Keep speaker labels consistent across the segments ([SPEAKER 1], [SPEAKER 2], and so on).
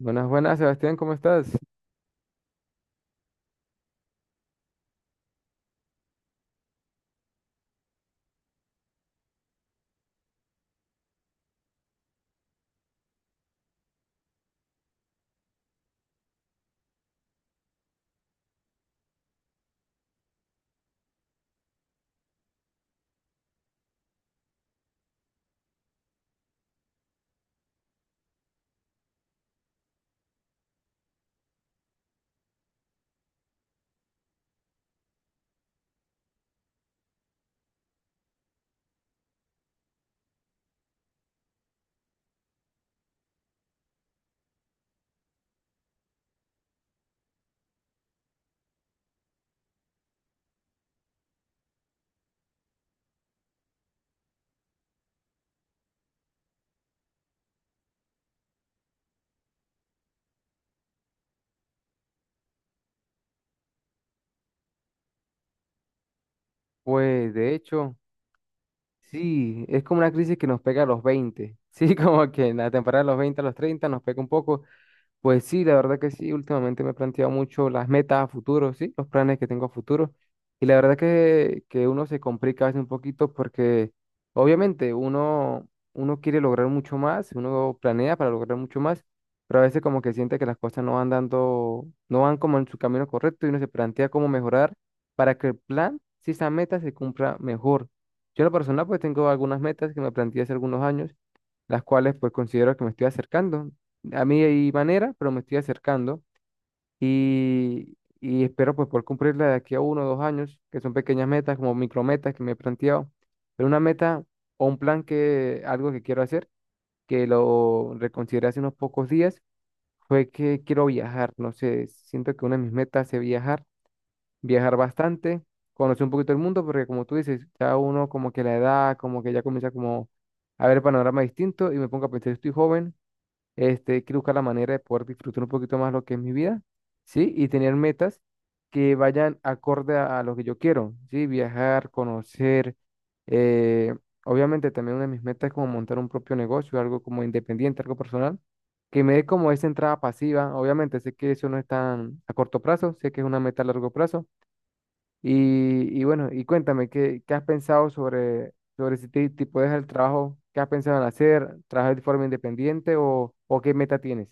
[SPEAKER 1] Buenas, buenas, Sebastián, ¿cómo estás? Pues de hecho, sí, es como una crisis que nos pega a los 20 sí, como que en la temporada de los 20 a los 30 nos pega un poco. Pues sí, la verdad que sí, últimamente me he planteado mucho las metas a futuro, sí, los planes que tengo a futuro. Y la verdad que uno se complica a veces un poquito porque obviamente uno quiere lograr mucho más, uno planea para lograr mucho más, pero a veces como que siente que las cosas no van dando, no van como en su camino correcto y uno se plantea cómo mejorar para que el plan, si esa meta se cumpla mejor. Yo en lo personal pues tengo algunas metas que me planteé hace algunos años, las cuales pues considero que me estoy acercando. A mí hay manera, pero me estoy acercando y espero pues poder cumplirla de aquí a uno o dos años, que son pequeñas metas, como micrometas que me he planteado, pero una meta o un plan que, algo que quiero hacer, que lo reconsideré hace unos pocos días, fue que quiero viajar, no sé, siento que una de mis metas es viajar, viajar bastante, conocer un poquito el mundo, porque como tú dices, ya uno como que la edad, como que ya comienza como a ver el panorama distinto y me pongo a pensar, estoy joven, este, quiero buscar la manera de poder disfrutar un poquito más lo que es mi vida, ¿sí? Y tener metas que vayan acorde a lo que yo quiero, ¿sí? Viajar, conocer. eh, Obviamente también una de mis metas es como montar un propio negocio, algo como independiente, algo personal, que me dé como esa entrada pasiva. Obviamente sé que eso no es tan a corto plazo, sé que es una meta a largo plazo, y, y bueno, y cuéntame, ¿qué has pensado sobre si te puedes dejar el trabajo? ¿Qué has pensado en hacer? ¿Trabajar de forma independiente o qué meta tienes?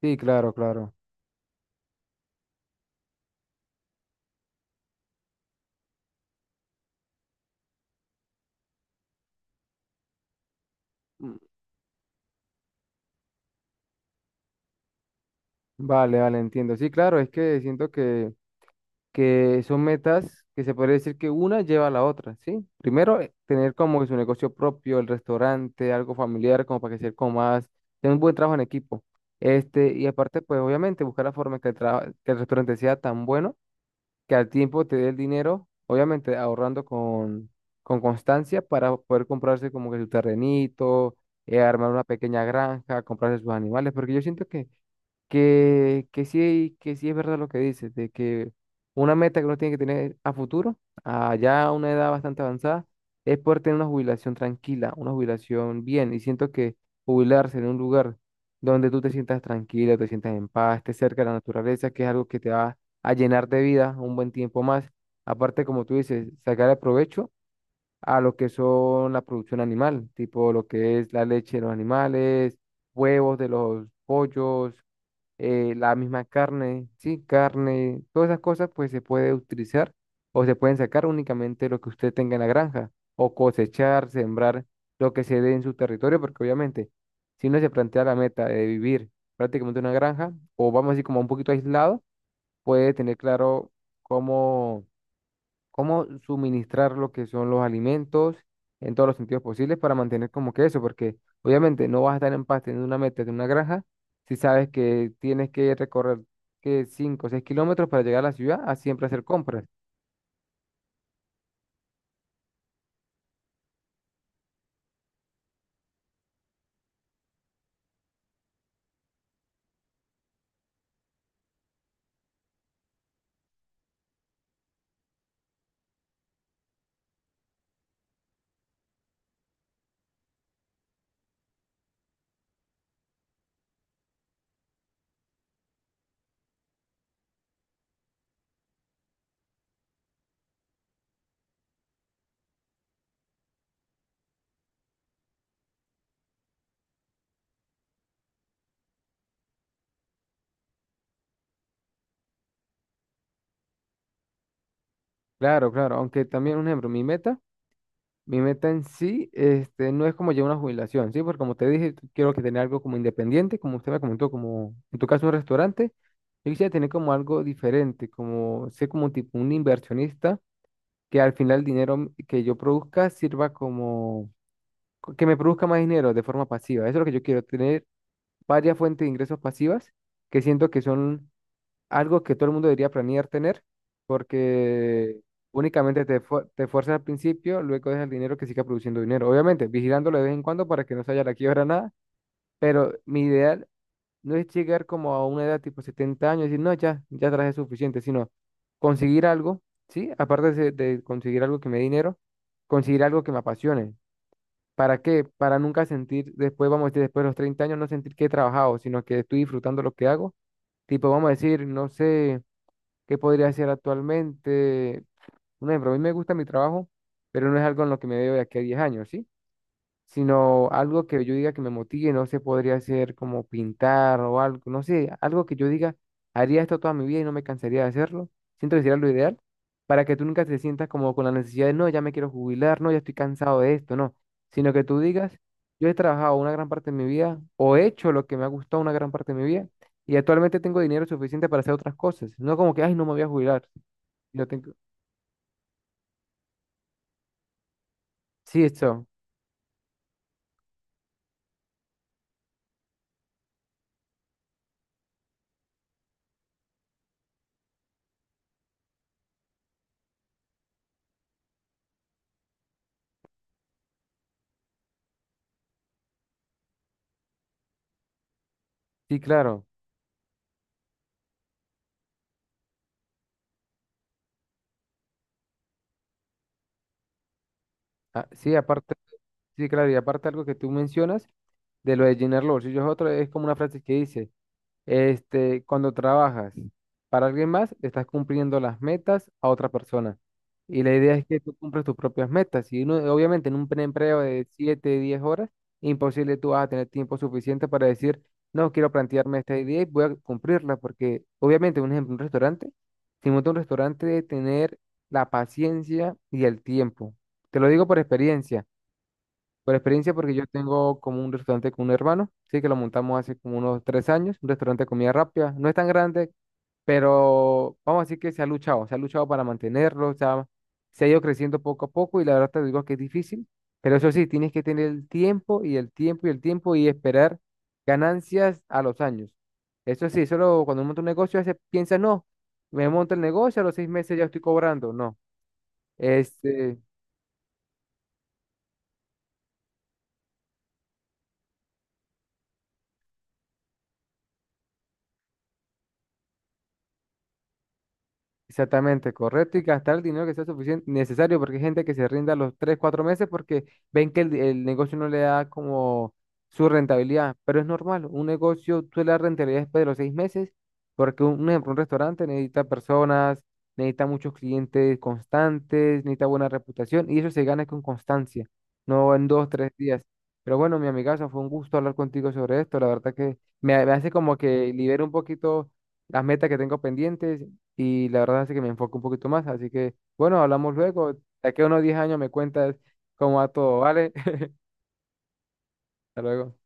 [SPEAKER 1] Sí, claro, claro. Mm. Vale, vale, entiendo. Sí, claro, es que siento que son metas que se podría decir que una lleva a la otra, ¿sí? Primero, tener como que su negocio propio, el restaurante, algo familiar, como para que sea como más, tener un buen trabajo en equipo. Este, y aparte, pues obviamente, buscar la forma en que que el restaurante sea tan bueno que al tiempo te dé el dinero, obviamente ahorrando con constancia para poder comprarse como que su terrenito, armar una pequeña granja, comprarse sus animales, porque yo siento que sí es verdad lo que dices, de que una meta que uno tiene que tener a futuro, a ya una edad bastante avanzada, es poder tener una jubilación tranquila, una jubilación bien. Y siento que jubilarse en un lugar donde tú te sientas tranquilo, te sientas en paz, estés cerca de la naturaleza, que es algo que te va a llenar de vida un buen tiempo más. Aparte, como tú dices, sacar el provecho a lo que son la producción animal, tipo lo que es la leche de los animales, huevos de los pollos, la misma carne, sí, carne, todas esas cosas pues se puede utilizar o se pueden sacar únicamente lo que usted tenga en la granja o cosechar, sembrar lo que se dé en su territorio, porque obviamente si uno se plantea la meta de vivir prácticamente en una granja o vamos así como un poquito aislado, puede tener claro cómo cómo suministrar lo que son los alimentos en todos los sentidos posibles para mantener como que eso, porque obviamente no vas a estar en paz teniendo una meta de una granja si sabes que tienes que recorrer que 5 o 6 kilómetros para llegar a la ciudad a siempre hacer compras. Claro, claro, aunque también un ejemplo, mi meta en sí, este, no es como llevar una jubilación, ¿sí? Porque como te dije, tú quiero que tener algo como independiente, como usted me comentó, como en tu caso un restaurante, yo quisiera tener como algo diferente, como ser como tipo un inversionista que al final el dinero que yo produzca sirva como, que me produzca más dinero de forma pasiva. Eso es lo que yo quiero, tener varias fuentes de ingresos pasivas que siento que son algo que todo el mundo debería planear tener, porque únicamente te esfuerzas al principio, luego dejas el dinero que siga produciendo dinero. Obviamente, vigilándolo de vez en cuando para que no se haya la quiebra nada, pero mi ideal no es llegar como a una edad tipo 70 años y decir, no, ya, ya traje suficiente, sino conseguir algo, ¿sí? Aparte de conseguir algo que me dé dinero, conseguir algo que me apasione. ¿Para qué? Para nunca sentir, después, vamos a decir, después de los 30 años, no sentir que he trabajado, sino que estoy disfrutando lo que hago. Tipo, vamos a decir, no sé qué podría hacer actualmente. Un ejemplo, a mí me gusta mi trabajo, pero no es algo en lo que me veo de aquí a 10 años, ¿sí? Sino algo que yo diga que me motive, no sé, podría ser como pintar o algo, no sé, algo que yo diga, haría esto toda mi vida y no me cansaría de hacerlo. Siento que sería lo ideal para que tú nunca te sientas como con la necesidad de, no, ya me quiero jubilar, no, ya estoy cansado de esto, no, sino que tú digas, yo he trabajado una gran parte de mi vida o he hecho lo que me ha gustado una gran parte de mi vida y actualmente tengo dinero suficiente para hacer otras cosas, no como que, ay, no me voy a jubilar. No tengo... Sí, eso, sí, claro. Ah, sí, aparte, sí, claro, y aparte algo que tú mencionas, de lo de llenar los bolsillos es otro, es como una frase que dice, este, cuando trabajas para alguien más, estás cumpliendo las metas a otra persona. Y la idea es que tú cumples tus propias metas. Y uno, obviamente en un empleo de 7 10 horas, imposible tú vas a tener tiempo suficiente para decir, no, quiero plantearme esta idea y voy a cumplirla, porque obviamente, un ejemplo, un restaurante, si monta un restaurante, debe tener la paciencia y el tiempo. Te lo digo por experiencia. Por experiencia, porque yo tengo como un restaurante con un hermano, sí, que lo montamos hace como unos 3 años, un restaurante de comida rápida. No es tan grande, pero vamos a decir que se ha luchado para mantenerlo, se ha ido creciendo poco a poco y la verdad te digo que es difícil, pero eso sí, tienes que tener el tiempo y el tiempo y el tiempo y esperar ganancias a los años. Eso sí, solo cuando uno monta un negocio, a veces piensa, no, me monto el negocio, a los 6 meses ya estoy cobrando, no. Este, exactamente, correcto, y gastar el dinero que sea suficiente, necesario, porque hay gente que se rinda a los 3 o 4 meses porque ven que el negocio no le da como su rentabilidad, pero es normal, un negocio suele dar rentabilidad después de los 6 meses, porque un ejemplo, un restaurante necesita personas, necesita muchos clientes constantes, necesita buena reputación, y eso se gana con constancia, no en 2 o 3 días. Pero bueno, mi amigazo, fue un gusto hablar contigo sobre esto, la verdad que me hace como que libero un poquito las metas que tengo pendientes y la verdad hace que me enfoque un poquito más. Así que, bueno, hablamos luego. De aquí a unos 10 años me cuentas cómo va todo, ¿vale? Hasta luego.